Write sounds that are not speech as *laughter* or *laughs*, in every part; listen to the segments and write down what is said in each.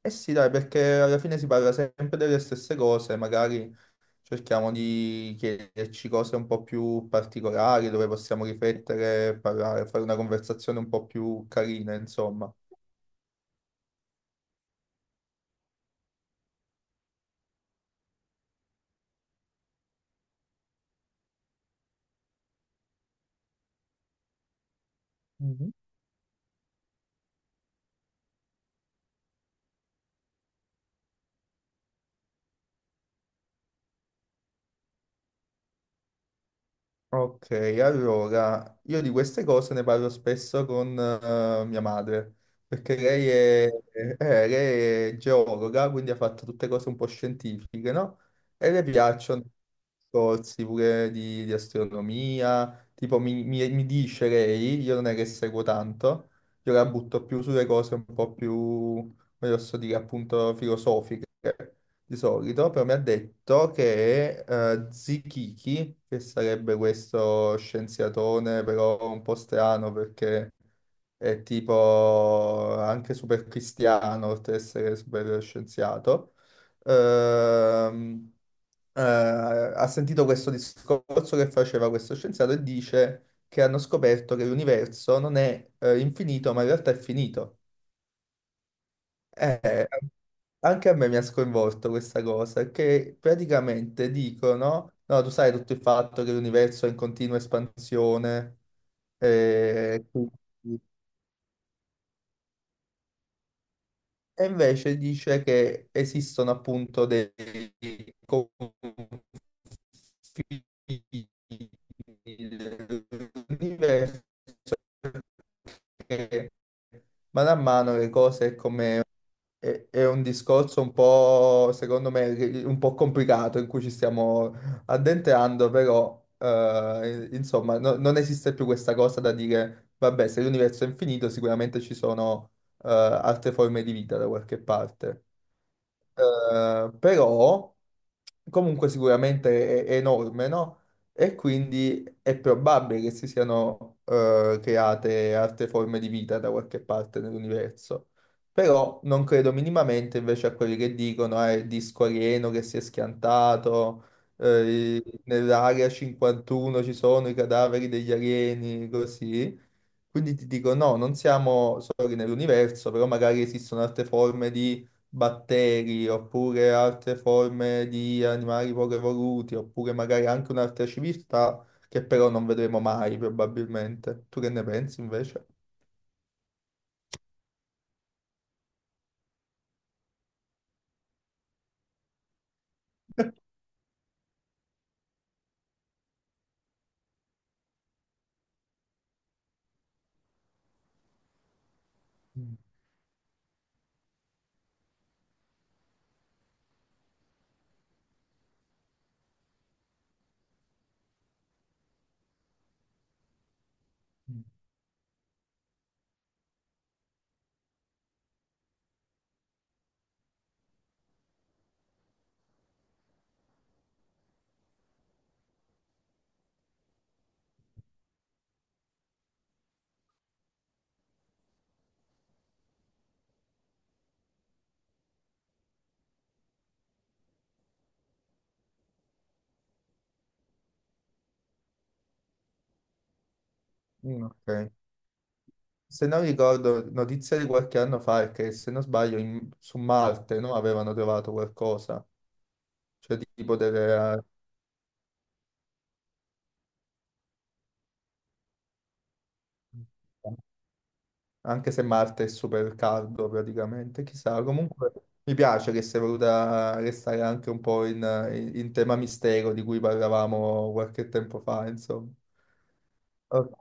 Eh sì, dai, perché alla fine si parla sempre delle stesse cose, magari cerchiamo di chiederci cose un po' più particolari, dove possiamo riflettere, parlare, fare una conversazione un po' più carina, insomma. Ok, allora io di queste cose ne parlo spesso con mia madre, perché lei è geologa, quindi ha fatto tutte cose un po' scientifiche, no? E le piacciono corsi pure di astronomia, tipo mi dice lei, io non è che seguo tanto, io la butto più sulle cose un po' più, come posso dire, appunto filosofiche di solito, però mi ha detto che Zikiki, che sarebbe questo scienziatone però un po' strano perché è tipo anche super cristiano, oltre ad essere super scienziato, ehm, ha sentito questo discorso che faceva questo scienziato e dice che hanno scoperto che l'universo non è infinito, ma in realtà è finito. Eh, anche a me mi ha sconvolto questa cosa, che praticamente dicono, no, tu sai tutto il fatto che l'universo è in continua espansione, eh, quindi- e invece dice che esistono appunto dei confini dell'universo che man mano le cose come È un discorso un po', secondo me, un po' complicato in cui ci stiamo addentrando, però, insomma, non esiste più questa cosa da dire, vabbè, se l'universo è infinito, sicuramente ci sono, altre forme di vita da qualche parte. Però comunque sicuramente è enorme, no? E quindi è probabile che si siano create altre forme di vita da qualche parte nell'universo. Però non credo minimamente invece a quelli che dicono il disco alieno che si è schiantato, nell'area 51 ci sono i cadaveri degli alieni, così. Quindi ti dico, no, non siamo soli nell'universo, però magari esistono altre forme di batteri, oppure altre forme di animali poco evoluti, oppure magari anche un'altra civiltà che però non vedremo mai probabilmente. Tu che ne pensi invece? Mm, mm. Mm, ok. Se non ricordo, notizia di qualche anno fa è che, se non sbaglio, su Marte, no, avevano trovato qualcosa, cioè tipo delle... anche se Marte è super caldo praticamente, chissà. Comunque mi piace che sia voluta restare anche un po' in, in tema mistero di cui parlavamo qualche tempo fa, insomma. Ok,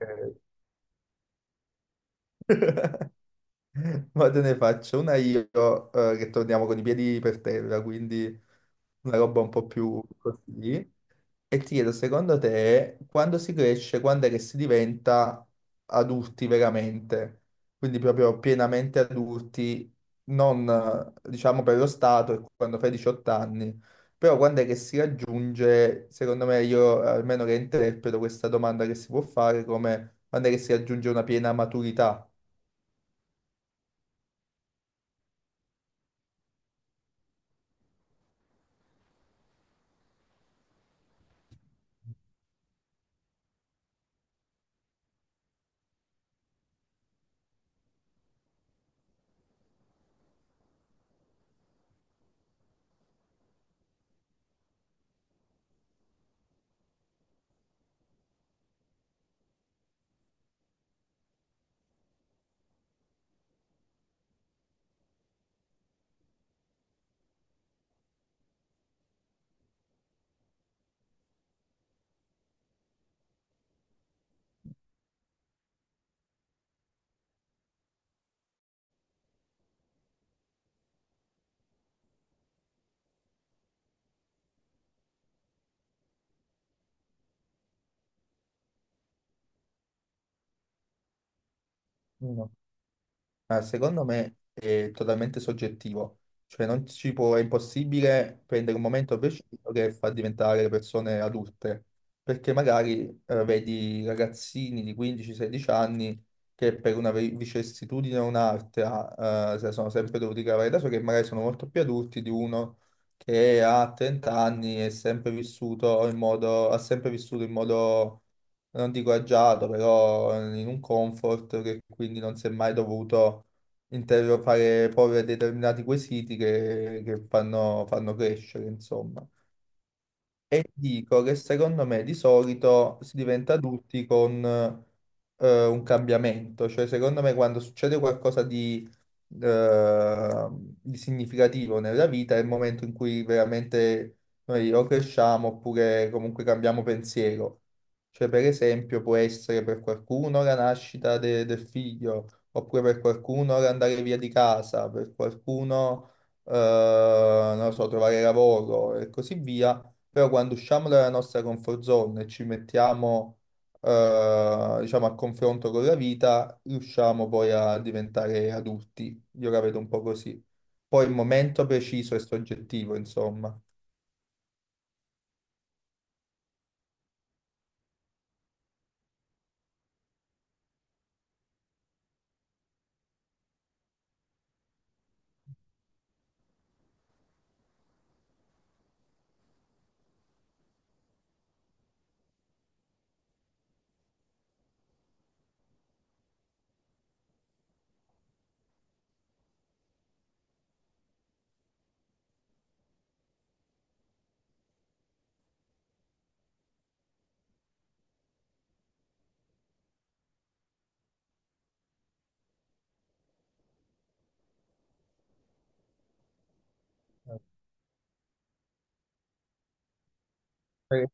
*laughs* ma te ne faccio una io che torniamo con i piedi per terra, quindi una roba un po' più così. E ti chiedo, secondo te, quando si cresce, quando è che si diventa adulti veramente? Quindi proprio pienamente adulti, non diciamo per lo Stato, è quando fai 18 anni, però quando è che si raggiunge, secondo me, io almeno che interpreto questa domanda che si può fare come quando è che si raggiunge una piena maturità? Ma secondo me è totalmente soggettivo, cioè non ci può, è impossibile prendere un momento preciso che fa diventare le persone adulte, perché magari vedi ragazzini di 15-16 anni che per una vicissitudine o un'altra se la sono sempre dovuti cavare da soli, che magari sono molto più adulti di uno che ha 30 anni e è sempre vissuto in modo, ha sempre vissuto in modo non dico agiato, però in un comfort che quindi non si è mai dovuto interrogare porre determinati quesiti che fanno crescere, insomma. E dico che secondo me di solito si diventa adulti con un cambiamento, cioè secondo me quando succede qualcosa eh, di significativo nella vita è il momento in cui veramente noi o cresciamo oppure comunque cambiamo pensiero. Cioè per esempio può essere per qualcuno la nascita del figlio, oppure per qualcuno l'andare via di casa, per qualcuno eh, non lo so, trovare lavoro e così via. Però quando usciamo dalla nostra comfort zone e ci mettiamo, diciamo, a confronto con la vita, riusciamo poi a diventare adulti. Io la vedo un po' così. Poi il momento preciso è soggettivo, insomma. Eh.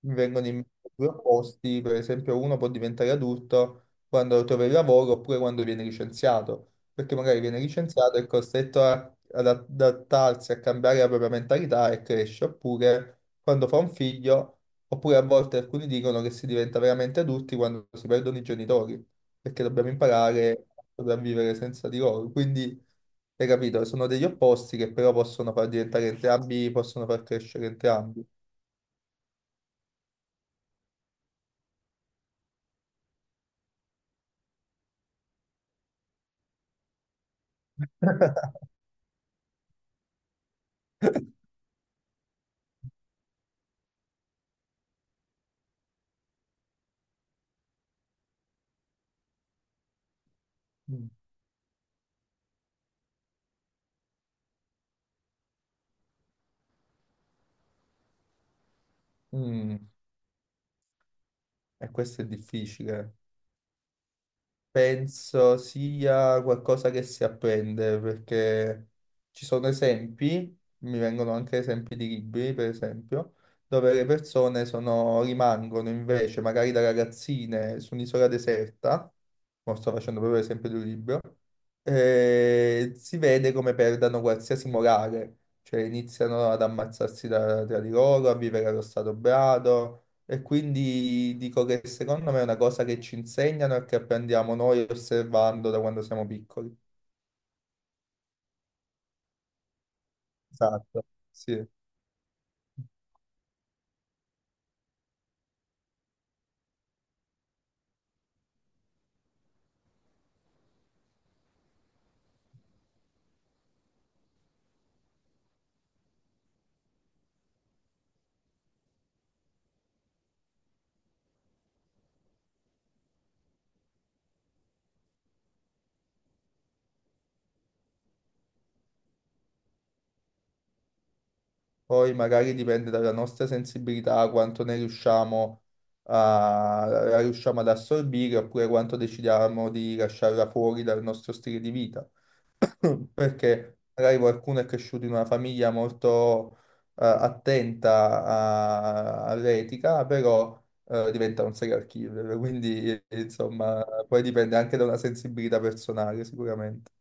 Mi vengono in mente due opposti, per esempio uno può diventare adulto quando trova il lavoro oppure quando viene licenziato, perché magari viene licenziato e è costretto ad adattarsi, a cambiare la propria mentalità e cresce, oppure quando fa un figlio, oppure a volte alcuni dicono che si diventa veramente adulti quando si perdono i genitori, perché dobbiamo imparare a sopravvivere senza di loro. Quindi, hai capito, sono degli opposti che però possono far diventare entrambi, possono far crescere entrambi. *laughs* Mm, e questo è difficile. Penso sia qualcosa che si apprende perché ci sono esempi, mi vengono anche esempi di libri, per esempio, dove le persone rimangono invece, magari da ragazzine, su un'isola deserta, mo sto facendo proprio l'esempio di un libro, e si vede come perdano qualsiasi morale, cioè iniziano ad ammazzarsi tra di loro, a vivere allo stato brado. E quindi dico che secondo me è una cosa che ci insegnano e che apprendiamo noi osservando da quando siamo piccoli. Esatto, sì. Poi magari dipende dalla nostra sensibilità, quanto ne riusciamo la riusciamo ad assorbire oppure quanto decidiamo di lasciarla fuori dal nostro stile di vita. *laughs* Perché magari qualcuno è cresciuto in una famiglia molto attenta all'etica, però diventa un serial killer, quindi insomma poi dipende anche da una sensibilità personale sicuramente.